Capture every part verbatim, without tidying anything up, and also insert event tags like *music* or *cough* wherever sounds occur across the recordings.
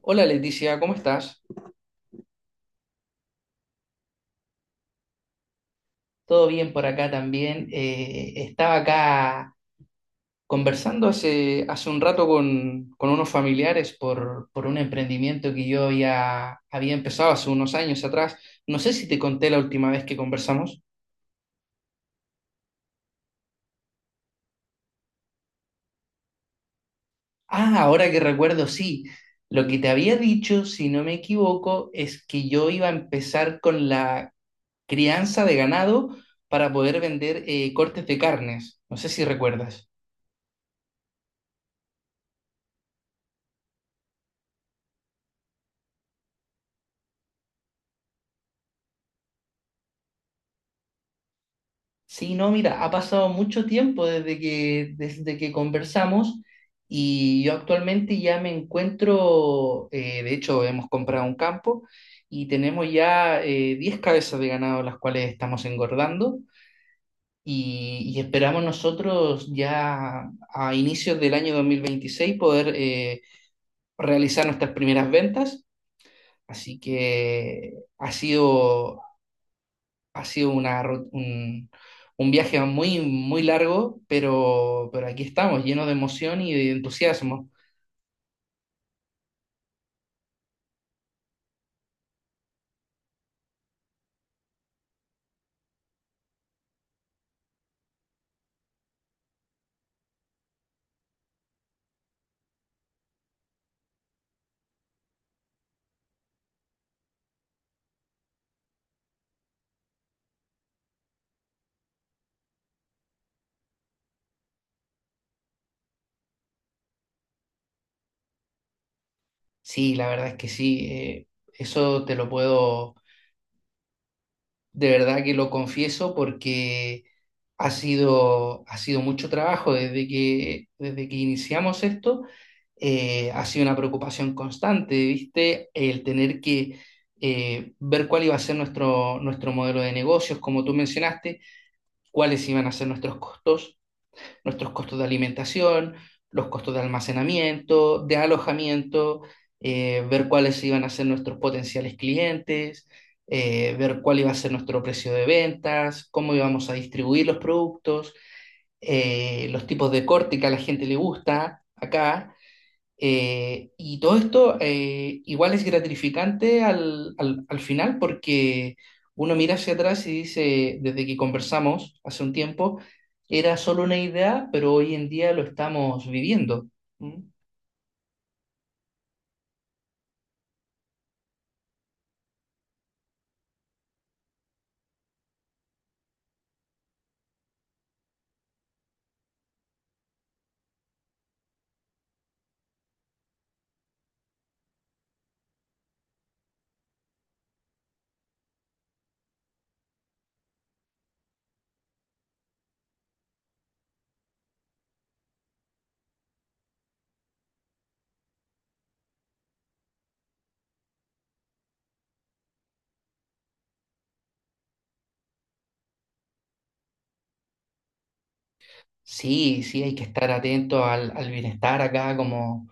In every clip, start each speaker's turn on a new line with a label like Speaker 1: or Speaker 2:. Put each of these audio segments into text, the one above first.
Speaker 1: Hola Leticia, ¿cómo estás? Todo bien por acá también. Eh, estaba acá conversando hace, hace un rato con, con unos familiares por, por un emprendimiento que yo había, había empezado hace unos años atrás. No sé si te conté la última vez que conversamos. Ah, ahora que recuerdo, sí. Lo que te había dicho, si no me equivoco, es que yo iba a empezar con la crianza de ganado para poder vender eh, cortes de carnes. No sé si recuerdas. Sí, no, mira, ha pasado mucho tiempo desde que, desde que conversamos y yo actualmente ya me encuentro, eh, de hecho hemos comprado un campo y tenemos ya eh, diez cabezas de ganado las cuales estamos engordando y, y esperamos nosotros ya a inicios del año dos mil veintiséis poder eh, realizar nuestras primeras ventas. Así que ha sido ha sido una, ru- un, un viaje muy, muy largo, pero, pero aquí estamos, llenos de emoción y de entusiasmo. Sí, la verdad es que sí, eh, eso te lo puedo, de verdad que lo confieso porque ha sido, ha sido mucho trabajo desde que, desde que iniciamos esto, eh, ha sido una preocupación constante, ¿viste? El tener que eh, ver cuál iba a ser nuestro, nuestro modelo de negocios, como tú mencionaste, cuáles iban a ser nuestros costos, nuestros costos de alimentación, los costos de almacenamiento, de alojamiento, eh, ver cuáles iban a ser nuestros potenciales clientes, eh, ver cuál iba a ser nuestro precio de ventas, cómo íbamos a distribuir los productos, eh, los tipos de corte que a la gente le gusta acá, eh, y todo esto eh, igual es gratificante al, al, al final porque uno mira hacia atrás y dice, desde que conversamos hace un tiempo, era solo una idea, pero hoy en día lo estamos viviendo. ¿Mm? Sí, sí, hay que estar atento al, al bienestar acá como,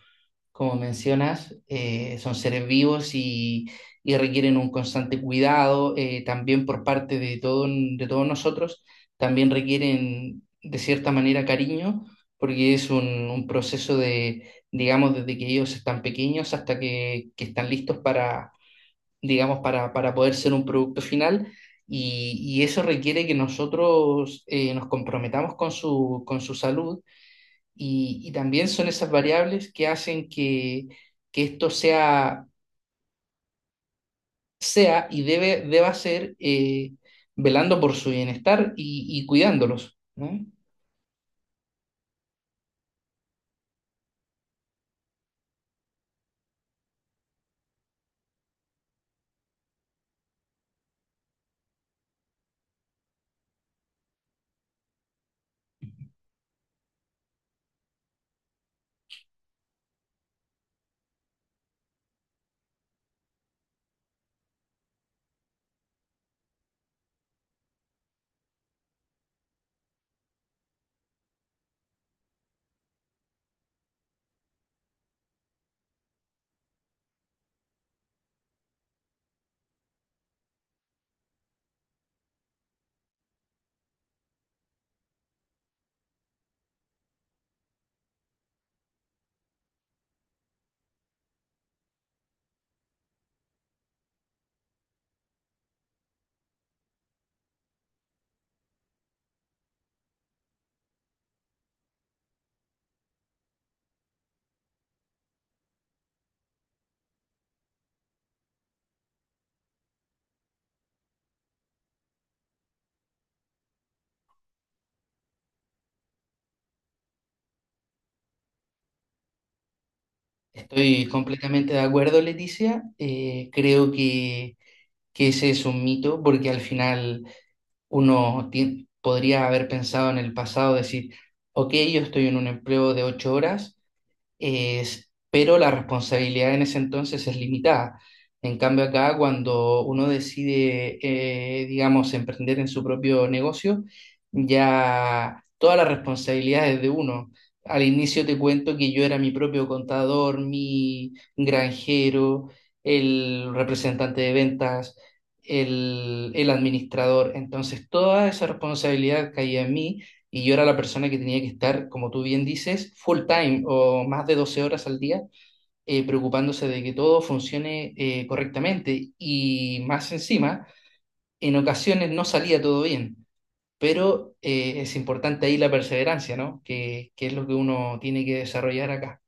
Speaker 1: como mencionas, eh, son seres vivos y, y requieren un constante cuidado, eh, también por parte de, todo, de todos nosotros, también requieren de cierta manera cariño, porque es un, un proceso de, digamos, desde que ellos están pequeños hasta que, que están listos para, digamos, para, para poder ser un producto final. Y, y eso requiere que nosotros eh, nos comprometamos con su, con su salud y, y también son esas variables que hacen que, que esto sea, sea y debe, deba ser, eh, velando por su bienestar y, y cuidándolos, ¿no? Estoy completamente de acuerdo, Leticia. Eh, creo que, que ese es un mito porque al final uno ti- podría haber pensado en el pasado, decir, ok, yo estoy en un empleo de ocho horas, es- pero la responsabilidad en ese entonces es limitada. En cambio, acá cuando uno decide, eh, digamos, emprender en su propio negocio, ya toda la responsabilidad es de uno. Al inicio te cuento que yo era mi propio contador, mi granjero, el representante de ventas, el, el administrador. Entonces, toda esa responsabilidad caía en mí y yo era la persona que tenía que estar, como tú bien dices, full time o más de doce horas al día, eh, preocupándose de que todo funcione eh, correctamente. Y más encima, en ocasiones no salía todo bien, pero eh, es importante ahí la perseverancia, ¿no? Que, que es lo que uno tiene que desarrollar acá.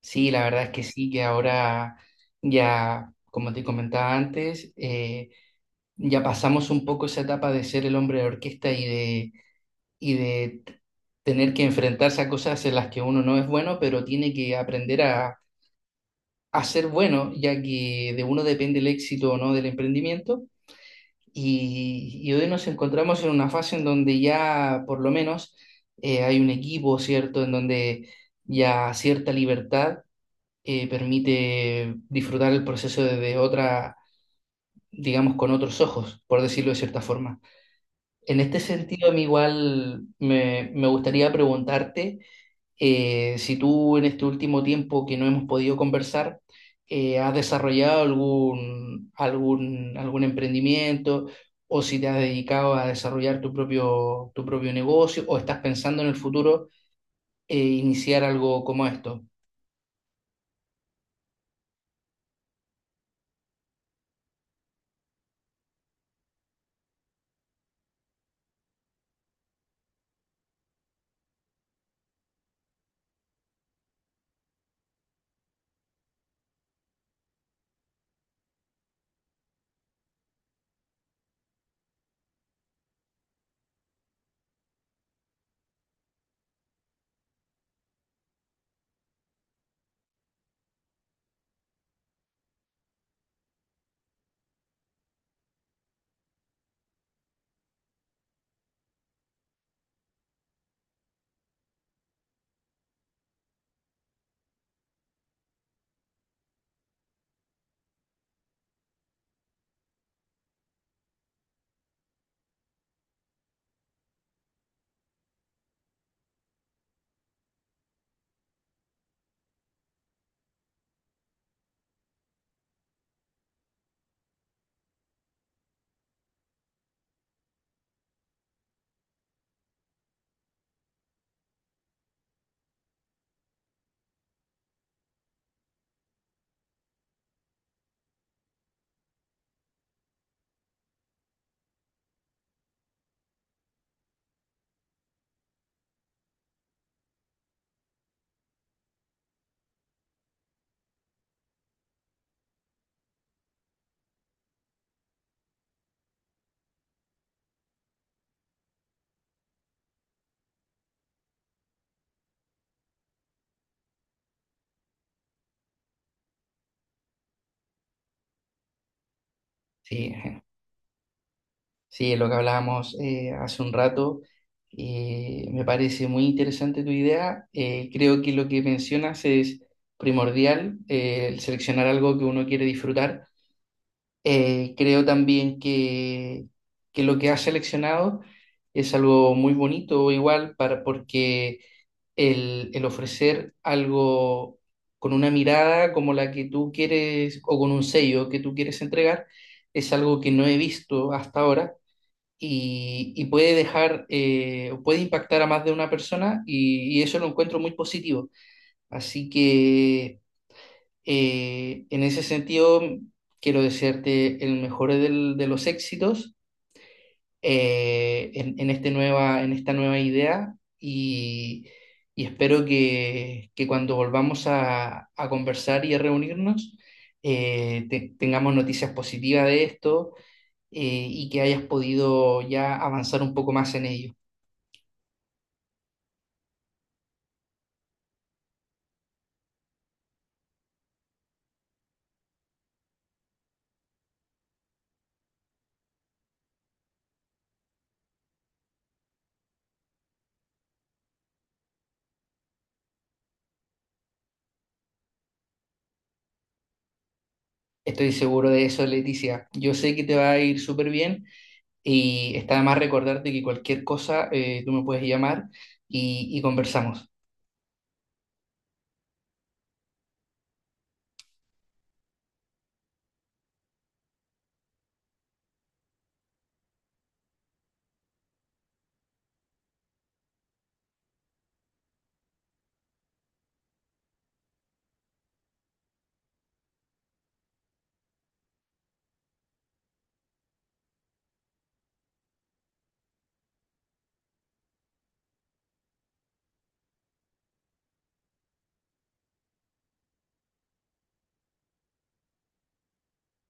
Speaker 1: Sí, la verdad es que sí, que ahora ya, como te comentaba antes, eh, ya pasamos un poco esa etapa de ser el hombre de orquesta y de y de t- tener que enfrentarse a cosas en las que uno no es bueno, pero tiene que aprender a, a ser bueno, ya que de uno depende el éxito o no del emprendimiento. Y, y hoy nos encontramos en una fase en donde ya por lo menos eh, hay un equipo, ¿cierto? En donde ya cierta libertad eh, permite disfrutar el proceso desde otra, digamos, con otros ojos, por decirlo de cierta forma. En este sentido, a mí igual me, me gustaría preguntarte. Eh, si tú en este último tiempo que no hemos podido conversar, eh, has desarrollado algún, algún, algún emprendimiento o si te has dedicado a desarrollar tu propio, tu propio negocio o estás pensando en el futuro eh, iniciar algo como esto. Sí, *laughs* sí, lo que hablábamos eh, hace un rato. Eh, me parece muy interesante tu idea. Eh, creo que lo que mencionas es primordial, eh, el seleccionar algo que uno quiere disfrutar. Eh, creo también que, que lo que has seleccionado es algo muy bonito, igual, para, porque el, el ofrecer algo con una mirada como la que tú quieres o con un sello que tú quieres entregar es algo que no he visto hasta ahora y, y puede dejar, eh, puede impactar a más de una persona y, y eso lo encuentro muy positivo. Así que... Eh, en ese sentido, quiero desearte el mejor del- de los éxitos, eh, en, en este nueva, en esta nueva idea y, y espero que, que cuando volvamos a, a conversar y a reunirnos, eh, te- tengamos noticias positivas de esto, eh, y que hayas podido ya avanzar un poco más en ello. Estoy seguro de eso, Leticia. Yo sé que te va a ir súper bien. Y está de más recordarte que cualquier cosa, eh, tú me puedes llamar y, y conversamos.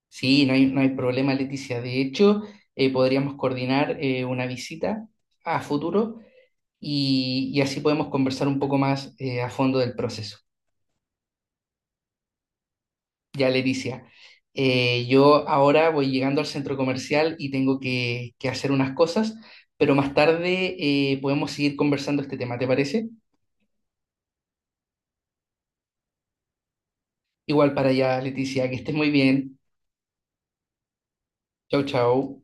Speaker 1: Sí, no hay, no hay problema, Leticia. De hecho, eh, podríamos coordinar eh, una visita a futuro y, y así podemos conversar un poco más eh, a fondo del proceso. Ya, Leticia, eh, yo ahora voy llegando al centro comercial y tengo que, que hacer unas cosas, pero más tarde eh, podemos seguir conversando este tema, ¿te parece? Igual para allá, Leticia, que estés muy bien. Chau, chau.